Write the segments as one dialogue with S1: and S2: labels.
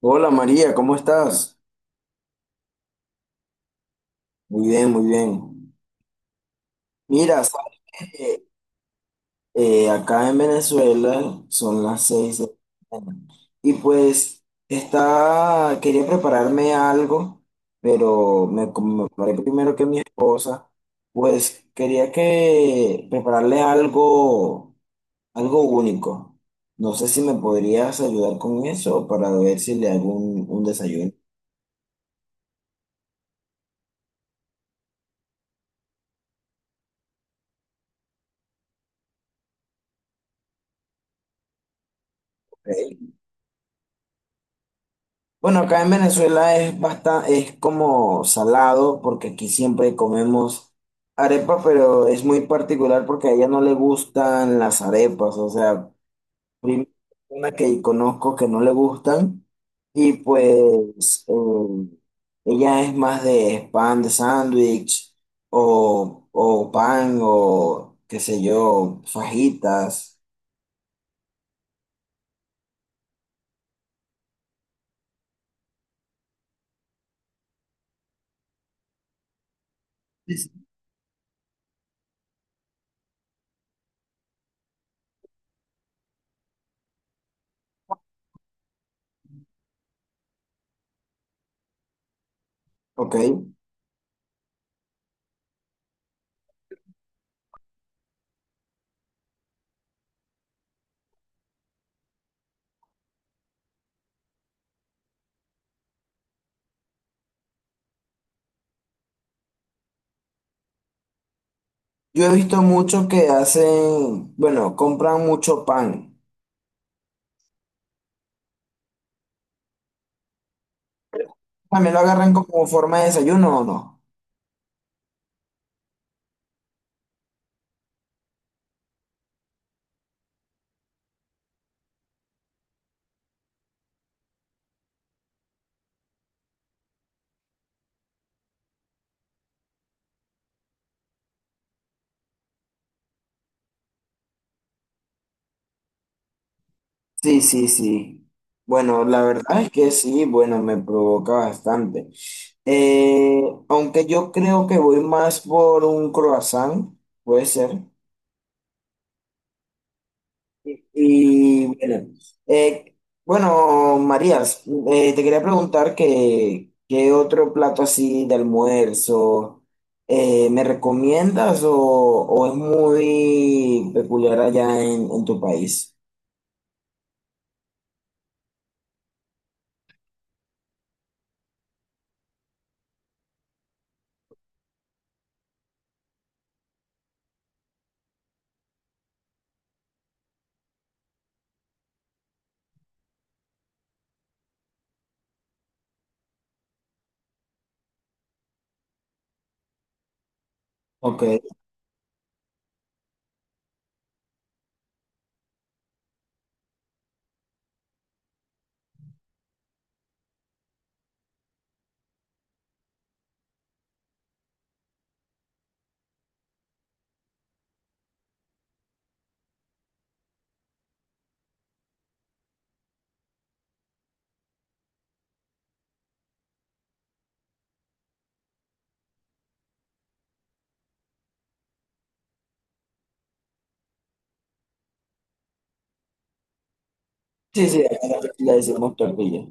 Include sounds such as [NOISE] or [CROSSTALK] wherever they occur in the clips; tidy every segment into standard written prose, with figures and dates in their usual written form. S1: Hola María, ¿cómo estás? Muy bien, muy bien. Mira, sabes que acá en Venezuela son las 6 de la mañana y pues está, quería prepararme algo, pero me, como me preparé primero que mi esposa, pues quería que prepararle algo, algo único. No sé si me podrías ayudar con eso para ver si le hago un desayuno. ¿Ok? Bueno, acá en Venezuela es bastante, es como salado, porque aquí siempre comemos arepa, pero es muy particular porque a ella no le gustan las arepas, o sea, primera persona que conozco que no le gustan, y pues ella es más de pan de sándwich, o pan, o qué sé yo, fajitas. Sí, sí. Ok, yo he visto mucho que hacen, bueno, compran mucho pan. También lo agarran como forma de desayuno, ¿o no? Sí, sí, sí. Bueno, la verdad es que sí, bueno, me provoca bastante. Eh, aunque yo creo que voy más por un croissant, puede ser. Y bueno, eh, bueno, Marías, te quería preguntar que, qué otro plato así de almuerzo me recomiendas o es muy peculiar allá en tu país. Ok. Sí, sí, acá le decimos tortilla.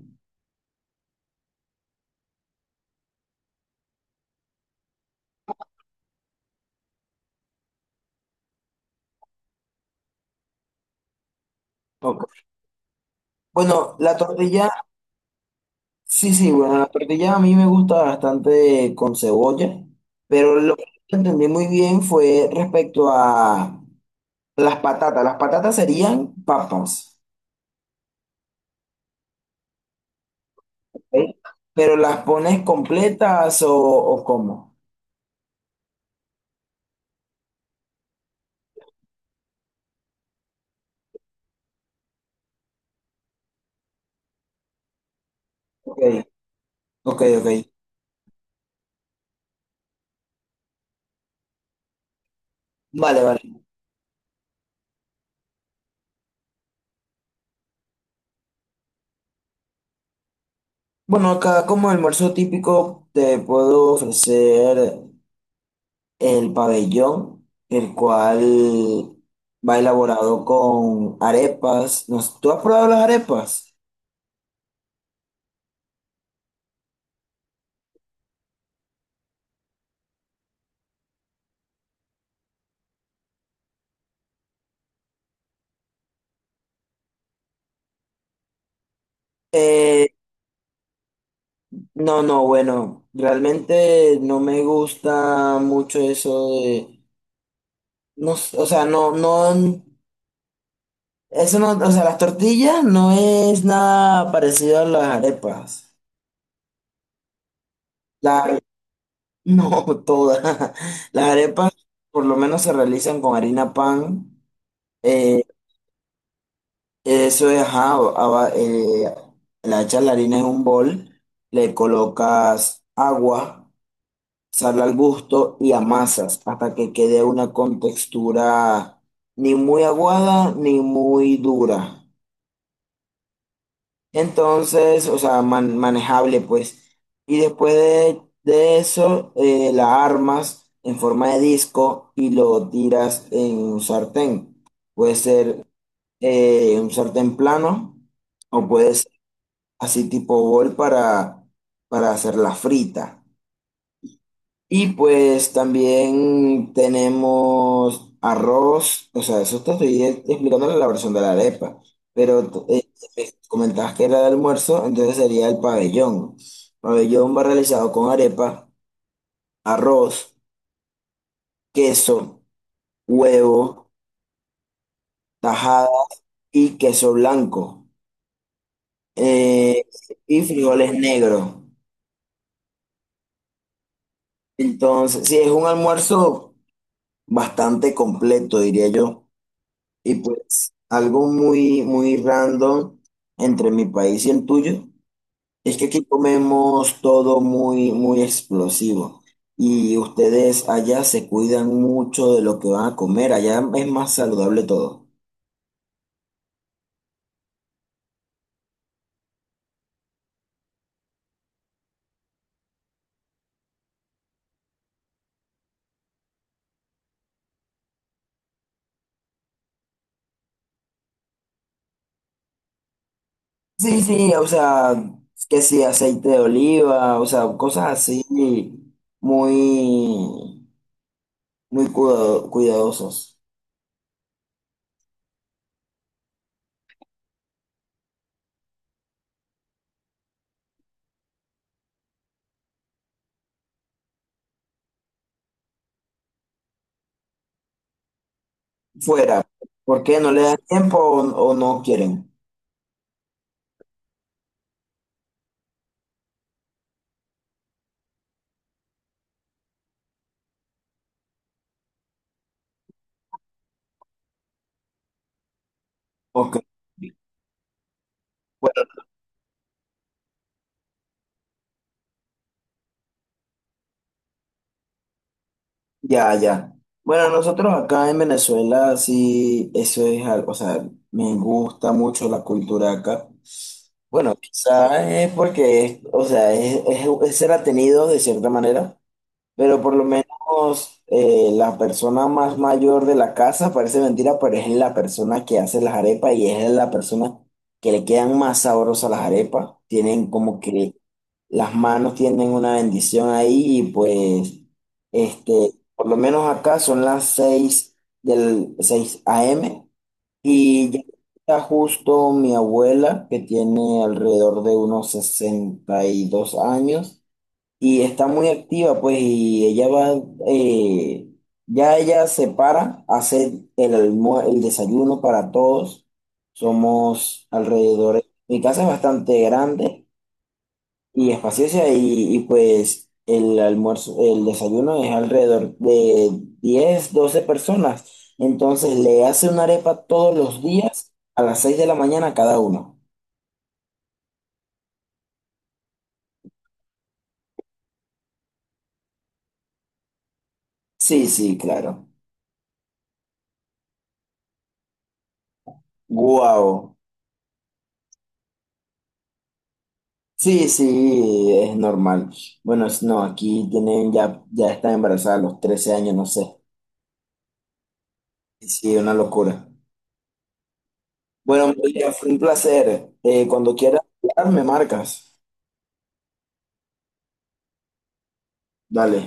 S1: Ok. Bueno, la tortilla, sí, sí, bueno, la tortilla a mí me gusta bastante con cebolla, pero lo que no entendí muy bien fue respecto a las patatas. Las patatas serían papas, ¿ok? Pero las pones completas o cómo. Ok, ok, ok. Vale, vale. Bueno, acá como almuerzo típico te puedo ofrecer el pabellón, el cual va elaborado con arepas. No sé, ¿tú has probado las arepas? Eh, no, no, bueno, realmente no me gusta mucho eso de, no, s- o sea, no, no, eso no, o sea, las tortillas no es nada parecido a las arepas. La- no, [LAUGHS] todas. Las arepas por lo menos se realizan con harina pan. eh, Eso es, ajá, aba- la hecha la harina en un bol, le colocas agua, sal al gusto y amasas hasta que quede una contextura ni muy aguada ni muy dura. Entonces, o sea, man- manejable pues. Y después de eso, la armas en forma de disco y lo tiras en un sartén. Puede ser un sartén plano. O puede así tipo bol para hacer la frita. Y pues también tenemos arroz, o sea, eso te estoy explicando la versión de la arepa, pero me comentabas que era de almuerzo, entonces sería el pabellón. Pabellón va realizado con arepa, arroz, queso, huevo, tajada y queso blanco eh, y frijoles negros. Entonces, si es un almuerzo bastante completo, diría yo. Y pues algo muy, muy random entre mi país y el tuyo es que aquí comemos todo muy, muy explosivo. Y ustedes allá se cuidan mucho de lo que van a comer. Allá es más saludable todo. Sí, sí, o sea, que sí, aceite de oliva, o sea, cosas así muy, muy cuidadosas. Fuera, ¿por qué no le dan tiempo o no quieren? Ok, bueno, ya, ya. Bueno, nosotros acá en Venezuela sí, eso es algo, o sea, me gusta mucho la cultura acá. Bueno, quizás es porque, es- o sea, es ser atenido de cierta manera, pero por lo menos la persona más mayor de la casa, parece mentira, pero es la persona que hace las arepas y es la persona que le quedan más sabrosas las arepas. Tienen como que las manos tienen una bendición ahí y pues, este, por lo menos acá son las 6 del 6 AM y ya está justo mi abuela que tiene alrededor de unos 62 años y está muy activa pues y ella va, eh, ya ella se para, hace el, almuer- el desayuno para todos. Somos alrededor, mi casa es bastante grande y espaciosa y, pues el almuerzo, el desayuno es alrededor de 10 12 personas. Entonces le hace una arepa todos los días a las 6 de la mañana cada uno. Sí, sí, claro. Guau. Sí, sí, es normal. Bueno, es- no, aquí tienen ya, ya están embarazadas a los 13 años, no sé. Sí, una locura. Bueno, María, fue un placer. Cuando quieras, hablar, me marcas. Dale.